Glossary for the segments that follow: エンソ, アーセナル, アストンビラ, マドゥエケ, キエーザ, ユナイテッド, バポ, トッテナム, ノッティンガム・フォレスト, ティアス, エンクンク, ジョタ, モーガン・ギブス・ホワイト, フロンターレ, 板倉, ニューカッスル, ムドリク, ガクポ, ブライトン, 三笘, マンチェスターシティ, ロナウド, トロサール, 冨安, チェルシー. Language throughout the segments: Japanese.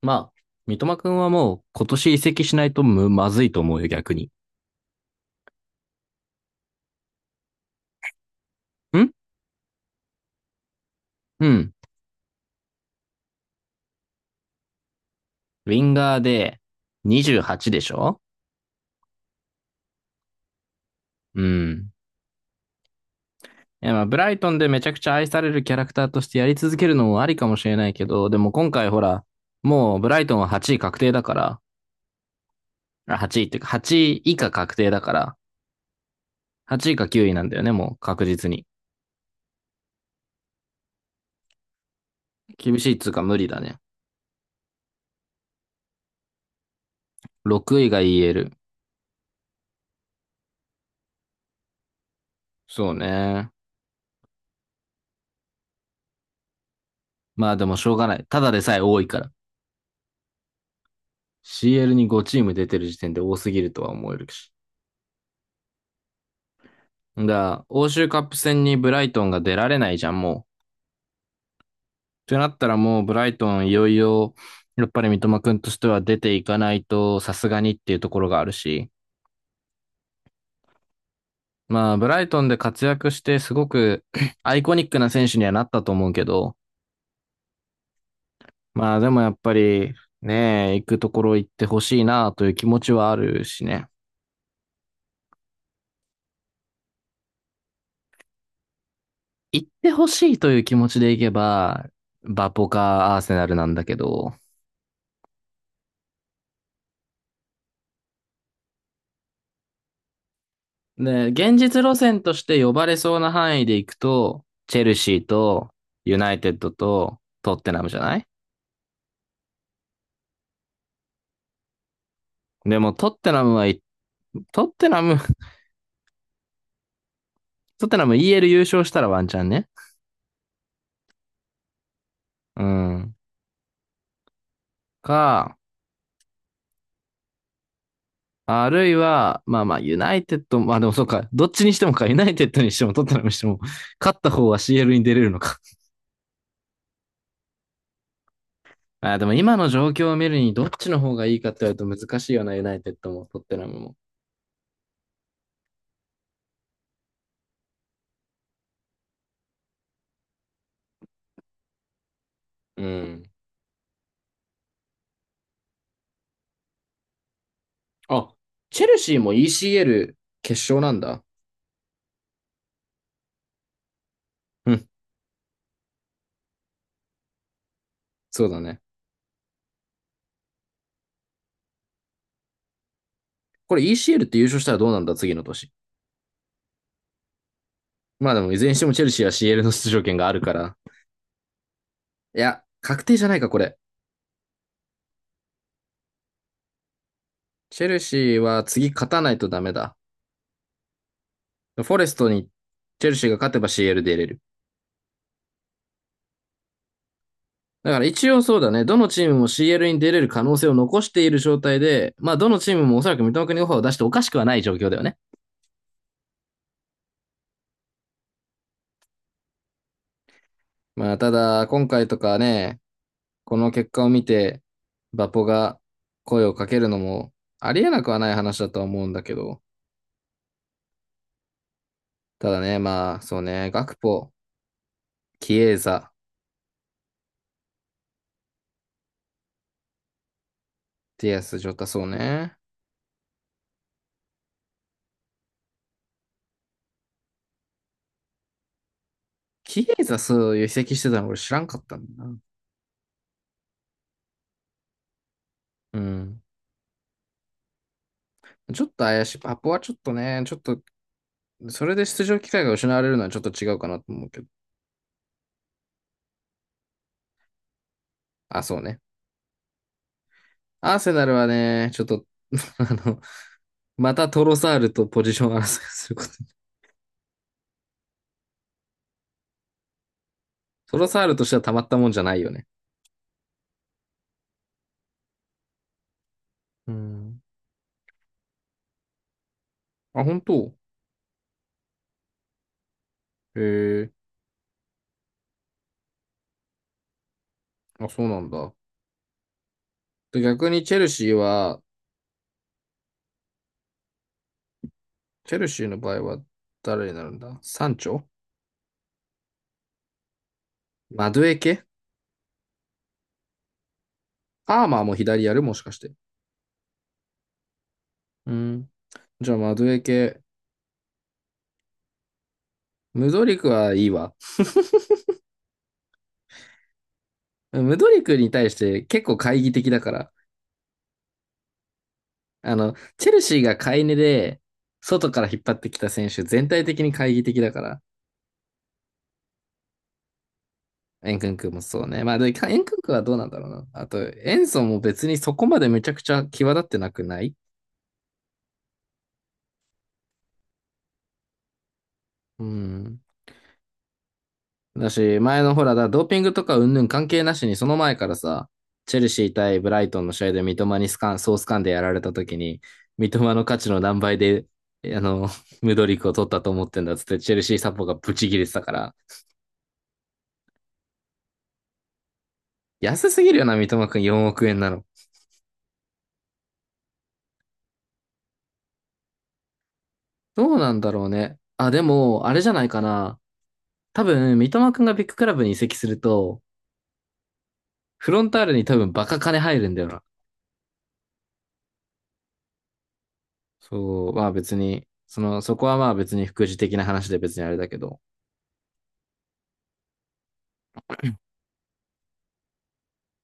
まあ、三笘くんはもう今年移籍しないとまずいと思うよ、逆に。ん。うん。ウィンガーで28でしょ。うん。いや、まあ、ブライトンでめちゃくちゃ愛されるキャラクターとしてやり続けるのもありかもしれないけど、でも今回ほら、もうブライトンは8位確定だから、あ、8位っていうか、8位以下確定だから、8位か9位なんだよね、もう確実に。厳しいっつうか無理だね。6位がえる。そうね。まあでもしょうがない。ただでさえ多いから。CL に5チーム出てる時点で多すぎるとは思えるし。だから、欧州カップ戦にブライトンが出られないじゃん、もう。ってなったらもうブライトンいよいよ、やっぱり三笘くんとしては出ていかないとさすがにっていうところがあるし。まあ、ブライトンで活躍してすごく アイコニックな選手にはなったと思うけど、まあでもやっぱりね、行くところ行ってほしいなという気持ちはあるしね。行ってほしいという気持ちで行けば、バポかアーセナルなんだけど、ね、現実路線として呼ばれそうな範囲で行くと、チェルシーと、ユナイテッドと、トッテナムじゃない？でも、トッテナム、はい、トッテナム、トッテナム EL 優勝したらワンチャンね。うん。か、あるいは、まあまあ、ユナイテッド、まあでもそうか、どっちにしてもか、ユナイテッドにしてもトッテナムにしても、勝った方は CL に出れるのか。あ、でも今の状況を見るに、どっちの方がいいかって言われると難しいよな、ユナイテッドも、トッテナムも。うん。あ、チェルシーも ECL 決勝なんだ。うん、そうだね。これ ECL って優勝したらどうなんだ、次の年。まあでも、いずれにしてもチェルシーは CL の出場権があるから。いや、確定じゃないか、これ。チェルシーは次勝たないとダメだ。フォレストにチェルシーが勝てば CL で出れる。だから一応そうだね。どのチームも CL に出れる可能性を残している状態で、まあどのチームもおそらく三笘国にオファーを出しておかしくはない状況だよね。まあただ、今回とかね、この結果を見て、バポが声をかけるのもありえなくはない話だとは思うんだけど、ただね、まあ、そうね、ガクポ、キエーザ、ティアス、ジョタ、そうね。キエーザ、そういう移籍してたの俺知らんかったんだな。うん。ちょっと怪しい。バポはちょっとね、ちょっと、それで出場機会が失われるのはちょっと違うかなと思うけど。あ、そうね。アーセナルはね、ちょっと、あの、またトロサールとポジション争いすること。トロサールとしてはたまったもんじゃないよね。うん。あ、本当？へえ、あ、そうなんだ。で、逆にチェルシーは、チェルシーの場合は誰になるんだ？サンチョ、マドゥエケ。アーマーも左やるもしかして？うん。じゃあマドゥエケ。ムドリクはいいわ。ムドリクに対して結構懐疑的だから。あの、チェルシーが買い値で、外から引っ張ってきた選手全体的に懐疑的だから。エンクンクもそうね。まあ、で、エンクンクはどうなんだろうな。あと、エンソも別にそこまでめちゃくちゃ際立ってなくない？うん。だし、前のほら、ドーピングとか云々関係なしに、その前からさ、チェルシー対ブライトンの試合で三笘にスカン、ソースカンでやられた時に、三笘の価値の何倍で、あの、ムドリックを取ったと思ってんだっつって、チェルシーサポがブチ切れてたから、安すぎるよな、三笘くん4億円なの。どうなんだろうね。あ、でも、あれじゃないかな。多分、三笘くんがビッグクラブに移籍すると、フロンターレに多分バカ金入るんだよな。そう、まあ別に、その、そこはまあ別に副次的な話で別にあれだけど。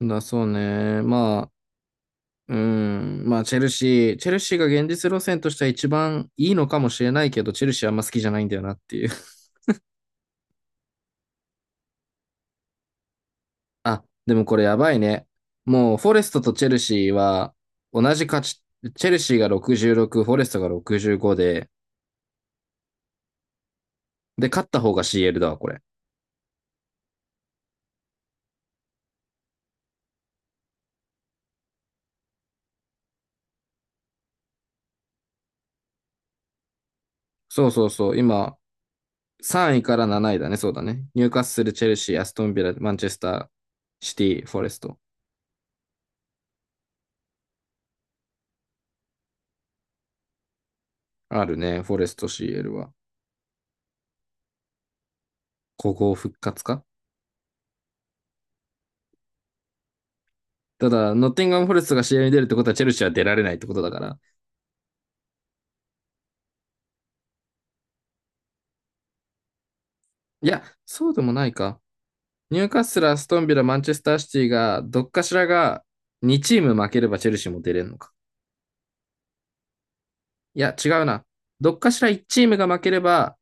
だ、そうね。まあ、うん。まあ、チェルシーが現実路線としては一番いいのかもしれないけど、チェルシーあんま好きじゃないんだよなっていう。あ、でもこれやばいね。もう、フォレストとチェルシーは同じ勝ち、チェルシーが66、フォレストが65で、勝った方が CL だわ、これ。そうそうそう。今、3位から7位だね。そうだね。ニューカッスル、チェルシー、アストンビラ、マンチェスター、シティ、フォレスト。あるね。フォレスト CL は。古豪復活か？ただ、ノッティンガム・フォレストが試合に出るってことは、チェルシーは出られないってことだから。いや、そうでもないか。ニューカッスル、アストンビラ、マンチェスターシティが、どっかしらが2チーム負ければチェルシーも出れるのか。いや、違うな。どっかしら1チームが負ければ、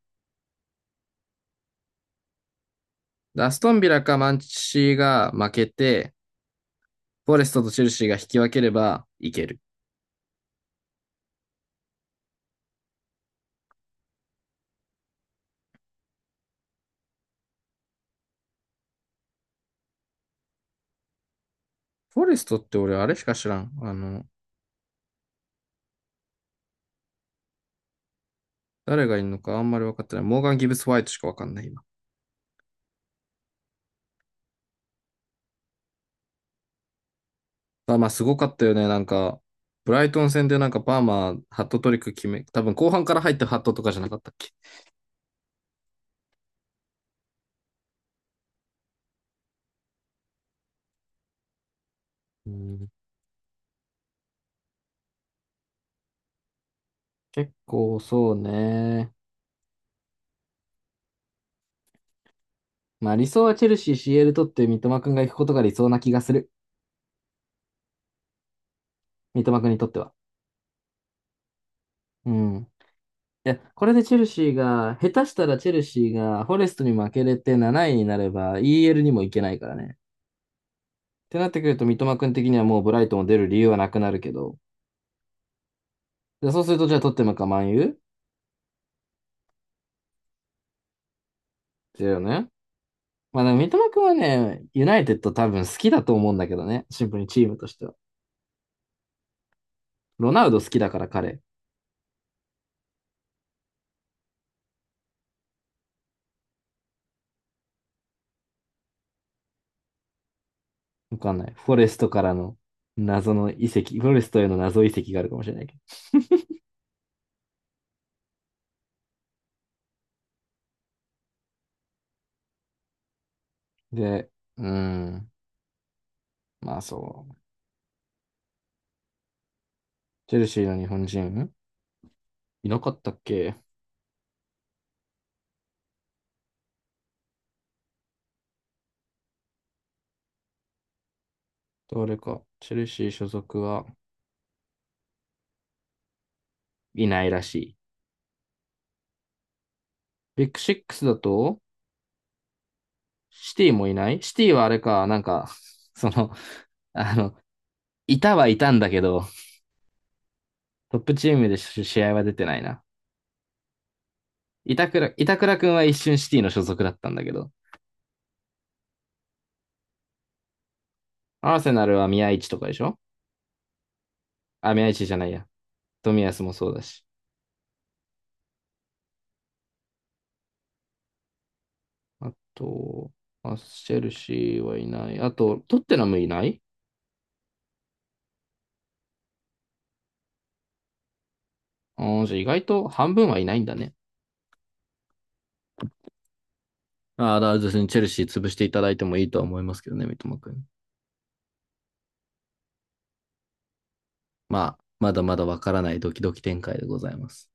アストンビラかマンチーが負けて、フォレストとチェルシーが引き分ければいける。フォレストって俺あれしか知らん。あの、誰がいるのかあんまり分かってない。モーガン・ギブス・ホワイトしか分かんない今。あ、まあ、すごかったよね。なんか、ブライトン戦でなんかパーマ、ハットトリック決め、多分後半から入ったハットとかじゃなかったっけ？うん、結構そうね。まあ理想はチェルシー CL 取って三笘くんが行くことが理想な気がする。三笘くんにとっては。うん。いや、これでチェルシーが、下手したらチェルシーがフォレストに負けれて7位になれば EL にも行けないからね。ってなってくると三笘くん的にはもうブライトンを出る理由はなくなるけど。で、そうするとじゃあ取ってもかマンユーだよね。まあ、でも三笘くんはね、ユナイテッド多分好きだと思うんだけどね。シンプルにチームとしては。ロナウド好きだから彼。わかんない。フォレストからの謎の移籍、フォレストへの謎移籍があるかもしれないけど。で、うーん。まあそう。チェルシーの日本人いなかったっけ、誰か？チェルシー所属はいないらしい。ビッグシックスだと、シティもいない。シティはあれか、なんか、その、あの、いたはいたんだけど、トップチームで試合は出てないな。板倉、板倉くんは一瞬シティの所属だったんだけど、アーセナルは宮市とかでしょ？あ、宮市じゃないや。冨安もそうだし。あと、アスチェルシーはいない。あと、トッテナムいない。ああ、じゃあ意外と半分はいないんだね。ああ、だから別にチェルシー潰していただいてもいいとは思いますけどね、三笘くん。まあ、まだまだわからないドキドキ展開でございます。